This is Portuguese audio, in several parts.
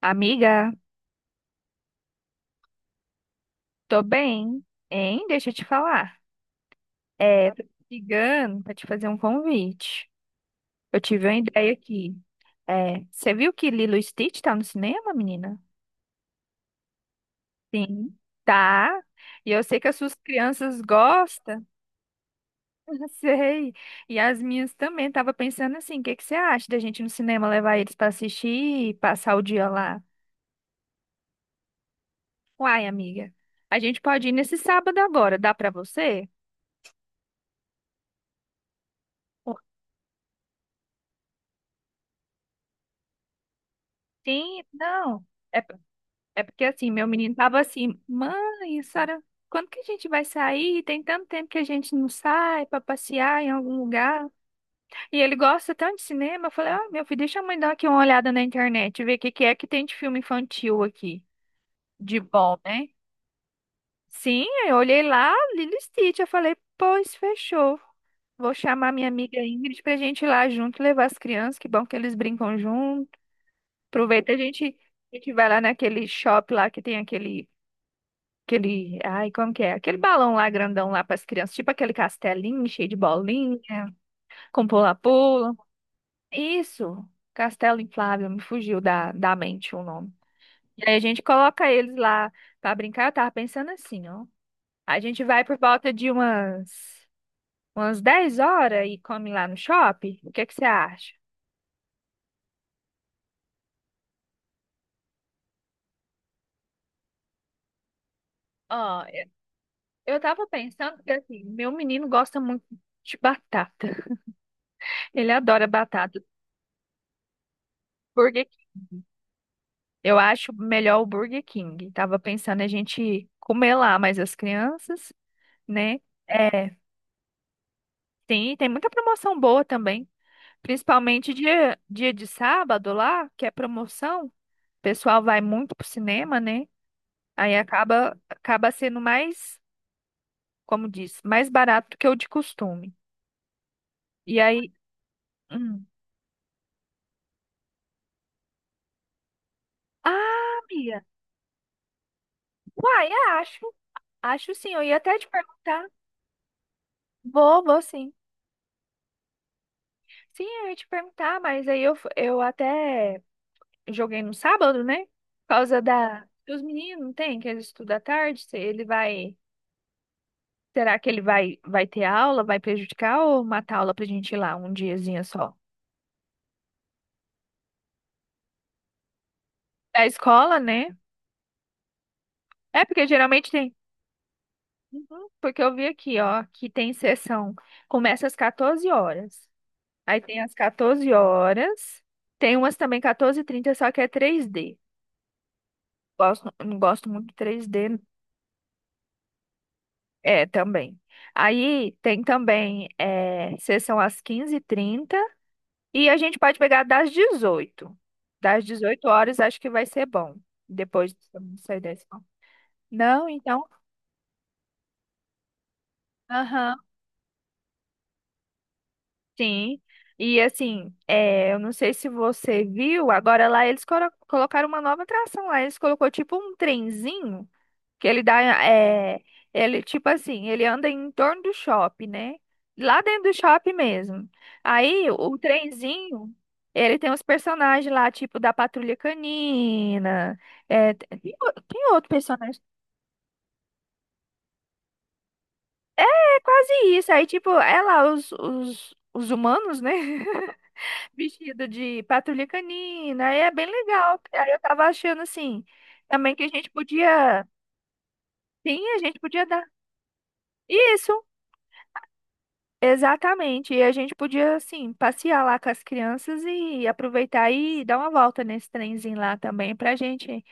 Amiga, tô bem, hein? Deixa eu te falar. É, tô te ligando pra te fazer um convite. Eu tive uma ideia aqui. É, você viu que Lilo e Stitch tá no cinema, menina? Sim. Tá. E eu sei que as suas crianças gostam. Eu sei. E as minhas também. Tava pensando assim, o que que você acha da gente ir no cinema levar eles pra assistir e passar o dia lá? Uai, amiga, a gente pode ir nesse sábado agora. Dá pra você? Por- Sim, não. É porque assim, meu menino tava assim, mãe, Sara, quando que a gente vai sair? Tem tanto tempo que a gente não sai pra passear em algum lugar. E ele gosta tanto de cinema. Eu falei, ah, meu filho, deixa a mãe dar aqui uma olhada na internet, ver o que que é que tem de filme infantil aqui, de bom, né? Sim, eu olhei lá, Lilo e Stitch, eu falei, pois fechou. Vou chamar minha amiga Ingrid pra gente ir lá junto, levar as crianças, que bom que eles brincam junto. Aproveita a gente vai lá naquele shopping lá que tem aquele, ai, como que é? Aquele balão lá grandão lá para as crianças, tipo aquele castelinho cheio de bolinha, com pula-pula. Isso, castelo inflável, me fugiu da mente o nome. E aí a gente coloca eles lá para brincar. Eu tava pensando assim, ó. A gente vai por volta de umas 10 horas e come lá no shopping. O que que você acha? Ó, eu tava pensando que assim, meu menino gosta muito de batata. Ele adora batata. Porque eu acho melhor o Burger King. Tava pensando a gente comer lá, mas as crianças, né? É, tem muita promoção boa também. Principalmente dia de sábado lá, que é promoção. O pessoal vai muito pro cinema, né? Aí acaba sendo mais, como diz, mais barato do que o de costume. E aí. Hum. Ah, Bia! Uai, acho. Acho sim. Eu ia até te perguntar. Vou, vou sim. Sim, eu ia te perguntar, mas aí eu até joguei no sábado, né? Por causa da. Os meninos não tem, que eles estudam à tarde. Se ele vai. Será que ele vai, ter aula? Vai prejudicar ou matar aula pra gente ir lá um diazinho só? Da escola, né? É, porque geralmente tem. Uhum. Porque eu vi aqui, ó, que tem sessão. Começa às 14h horas. Aí tem às 14h horas. Tem umas também 14h30, só que é três d Gosto, não gosto muito de três d. É, também. Aí tem também é, sessão às 15h30 e a gente pode pegar das 18h. Das 18 horas acho que vai ser bom. Depois de sair da escola. Não, então. Aham, sim. E assim, é, eu não sei se você viu, agora lá eles colocaram uma nova atração lá. Eles colocou tipo um trenzinho. Que ele dá, é, ele, tipo assim, ele anda em torno do shopping, né? Lá dentro do shopping mesmo. Aí o trenzinho, ele tem uns personagens lá, tipo da Patrulha Canina. É, tem outro personagem. É quase isso. Aí, tipo, é lá os humanos, né? Vestido de Patrulha Canina. Aí é bem legal. Aí eu tava achando assim, também que a gente podia. Sim, a gente podia dar. Isso! Exatamente, e a gente podia, assim, passear lá com as crianças e aproveitar e dar uma volta nesse trenzinho lá também, pra gente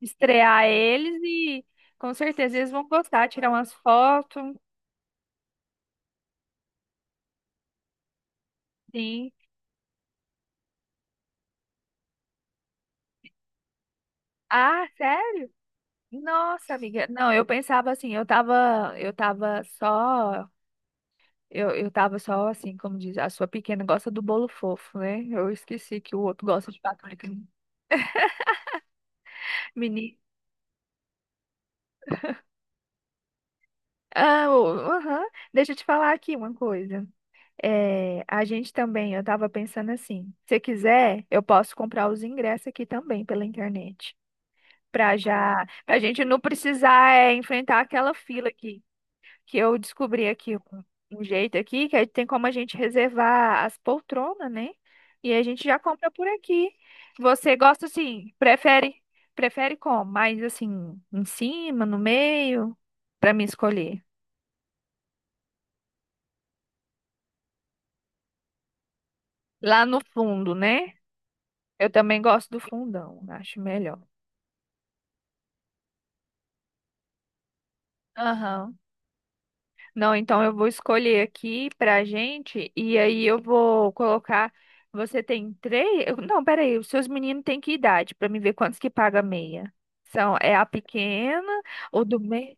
estrear eles e com certeza eles vão gostar, tirar umas fotos, sim. Ah, sério? Nossa, amiga. Não, eu pensava assim, eu tava só, eu tava só assim, como diz, a sua pequena gosta do bolo fofo, né? Eu esqueci que o outro gosta de patrulha. Menino. Ah, aham. Deixa eu te falar aqui uma coisa. É, a gente também, eu estava pensando assim, se quiser, eu posso comprar os ingressos aqui também pela internet, para já, para a gente não precisar é, enfrentar aquela fila aqui, que eu descobri aqui um jeito aqui, que aí tem como a gente reservar as poltronas, né? E a gente já compra por aqui. Você gosta assim, prefere como? Mais assim, em cima, no meio, para me escolher. Lá no fundo, né? Eu também gosto do fundão, acho melhor. Aham. Não, então eu vou escolher aqui pra gente e aí eu vou colocar. Você tem três? Não, peraí, os seus meninos têm que idade pra me ver quantos que paga meia? São, é a pequena, o do meio.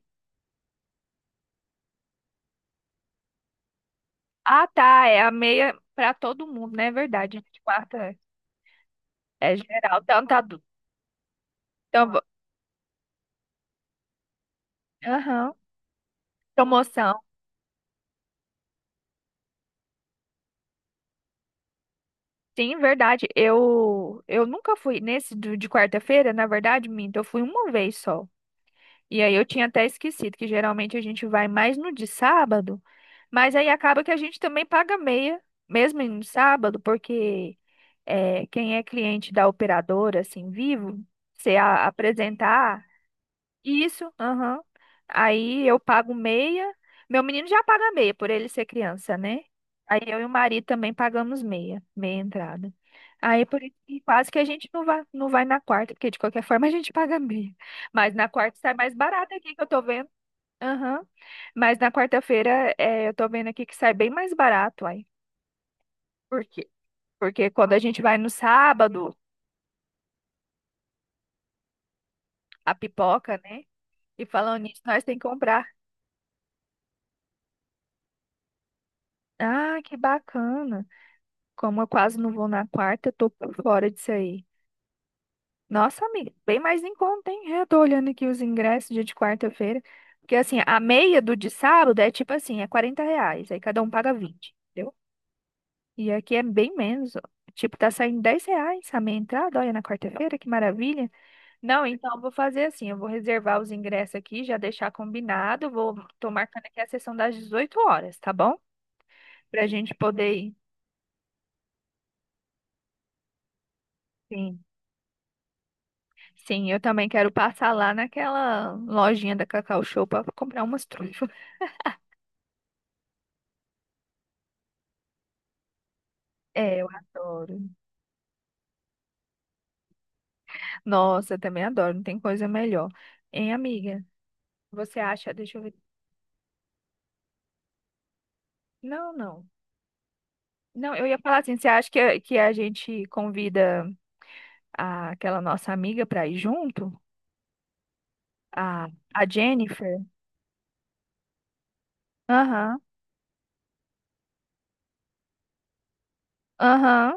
Ah, tá, é a meia pra todo mundo, né? É verdade. De quarta é geral, tanto adulto. Então, aham. Promoção. Sim, verdade. Eu nunca fui nesse de quarta-feira, na verdade, minto, eu fui uma vez só. E aí eu tinha até esquecido que geralmente a gente vai mais no de sábado, mas aí acaba que a gente também paga meia, mesmo no sábado, porque é, quem é cliente da operadora, assim, vivo, se apresentar. Isso, aham. Aí eu pago meia. Meu menino já paga meia, por ele ser criança, né? Aí eu e o marido também pagamos meia, meia entrada. Aí por isso que quase que a gente não vai na quarta, porque de qualquer forma a gente paga meia. Mas na quarta sai mais barato aqui que eu tô vendo. Aham. Mas na quarta-feira é, eu tô vendo aqui que sai bem mais barato, aí. Por quê? Porque quando a gente vai no sábado, a pipoca, né? E falando nisso, nós tem que comprar. Ah, que bacana. Como eu quase não vou na quarta, eu tô por fora disso aí. Nossa, amiga, bem mais em conta, hein? Eu tô olhando aqui os ingressos dia de quarta-feira. Porque assim, a meia do de sábado é tipo assim, é R$ 40. Aí cada um paga 20, entendeu? E aqui é bem menos, ó. Tipo, tá saindo R$ 10 a meia entrada, olha, na quarta-feira, que maravilha. Não, então eu vou fazer assim, eu vou reservar os ingressos aqui, já deixar combinado. Vou, tô marcando aqui a sessão das 18h, tá bom? Pra gente poder ir. Sim. Sim, eu também quero passar lá naquela lojinha da Cacau Show para comprar umas trufas. É, eu adoro. Nossa, eu também adoro, não tem coisa melhor. Hein, amiga? Você acha? Deixa eu ver. Não, não. Não, eu ia falar assim, você acha que a gente convida aquela nossa amiga para ir junto? A, a Jennifer? Aham, aham.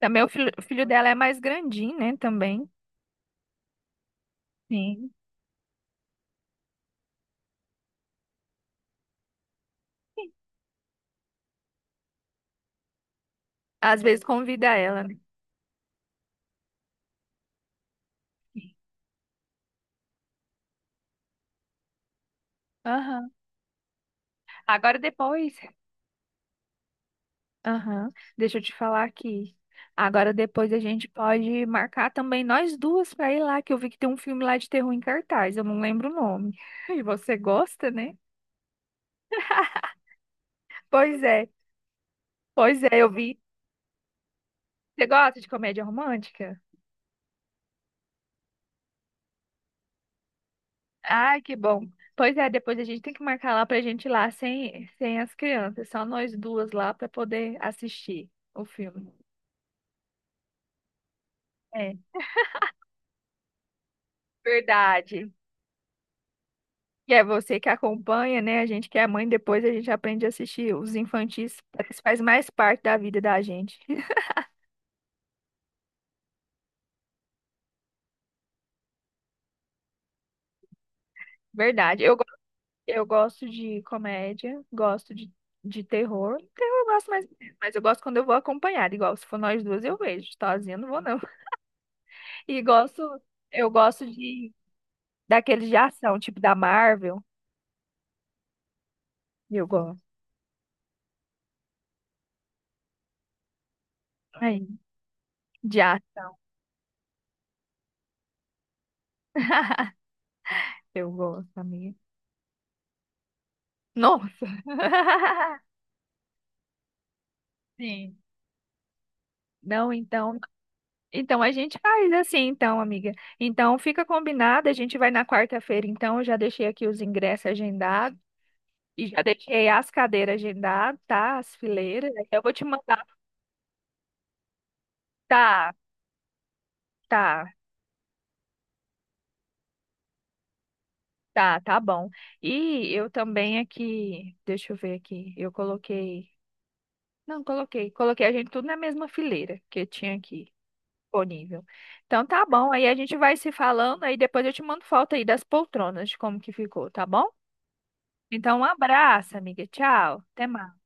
Também o filho dela é mais grandinho, né? Também. Sim. Às vezes convida ela, né? Sim. Aham. Agora depois. Aham. Deixa eu te falar aqui. Agora depois a gente pode marcar também nós duas para ir lá, que eu vi que tem um filme lá de terror em cartaz, eu não lembro o nome. E você gosta, né? Pois é, pois é, eu vi. Você gosta de comédia romântica? Ai, que bom. Pois é, depois a gente tem que marcar lá pra gente ir lá sem as crianças, só nós duas lá para poder assistir o filme. É, verdade. Que é você que acompanha, né? A gente que é mãe, depois a gente aprende a assistir os infantis, isso faz mais parte da vida da gente. Verdade. Eu gosto de comédia, gosto de terror. Terror eu gosto mais, mas eu gosto quando eu vou acompanhada, igual se for nós duas eu vejo, sozinha eu não vou não. E gosto, eu gosto de daqueles de ação, tipo da Marvel, eu gosto. Aí, de ação. Eu gosto, amiga. Nossa. Sim. Não, então. A gente faz assim, então, amiga. Então fica combinado, a gente vai na quarta-feira, então eu já deixei aqui os ingressos agendados e já deixei as cadeiras agendadas, tá? As fileiras. Eu vou te mandar. Tá, tá, tá, tá bom. E eu também aqui, deixa eu ver aqui. Eu coloquei, não, coloquei a gente tudo na mesma fileira que tinha aqui disponível. Então tá bom. Aí a gente vai se falando, aí depois eu te mando foto aí das poltronas, de como que ficou, tá bom? Então, um abraço, amiga. Tchau. Até mais.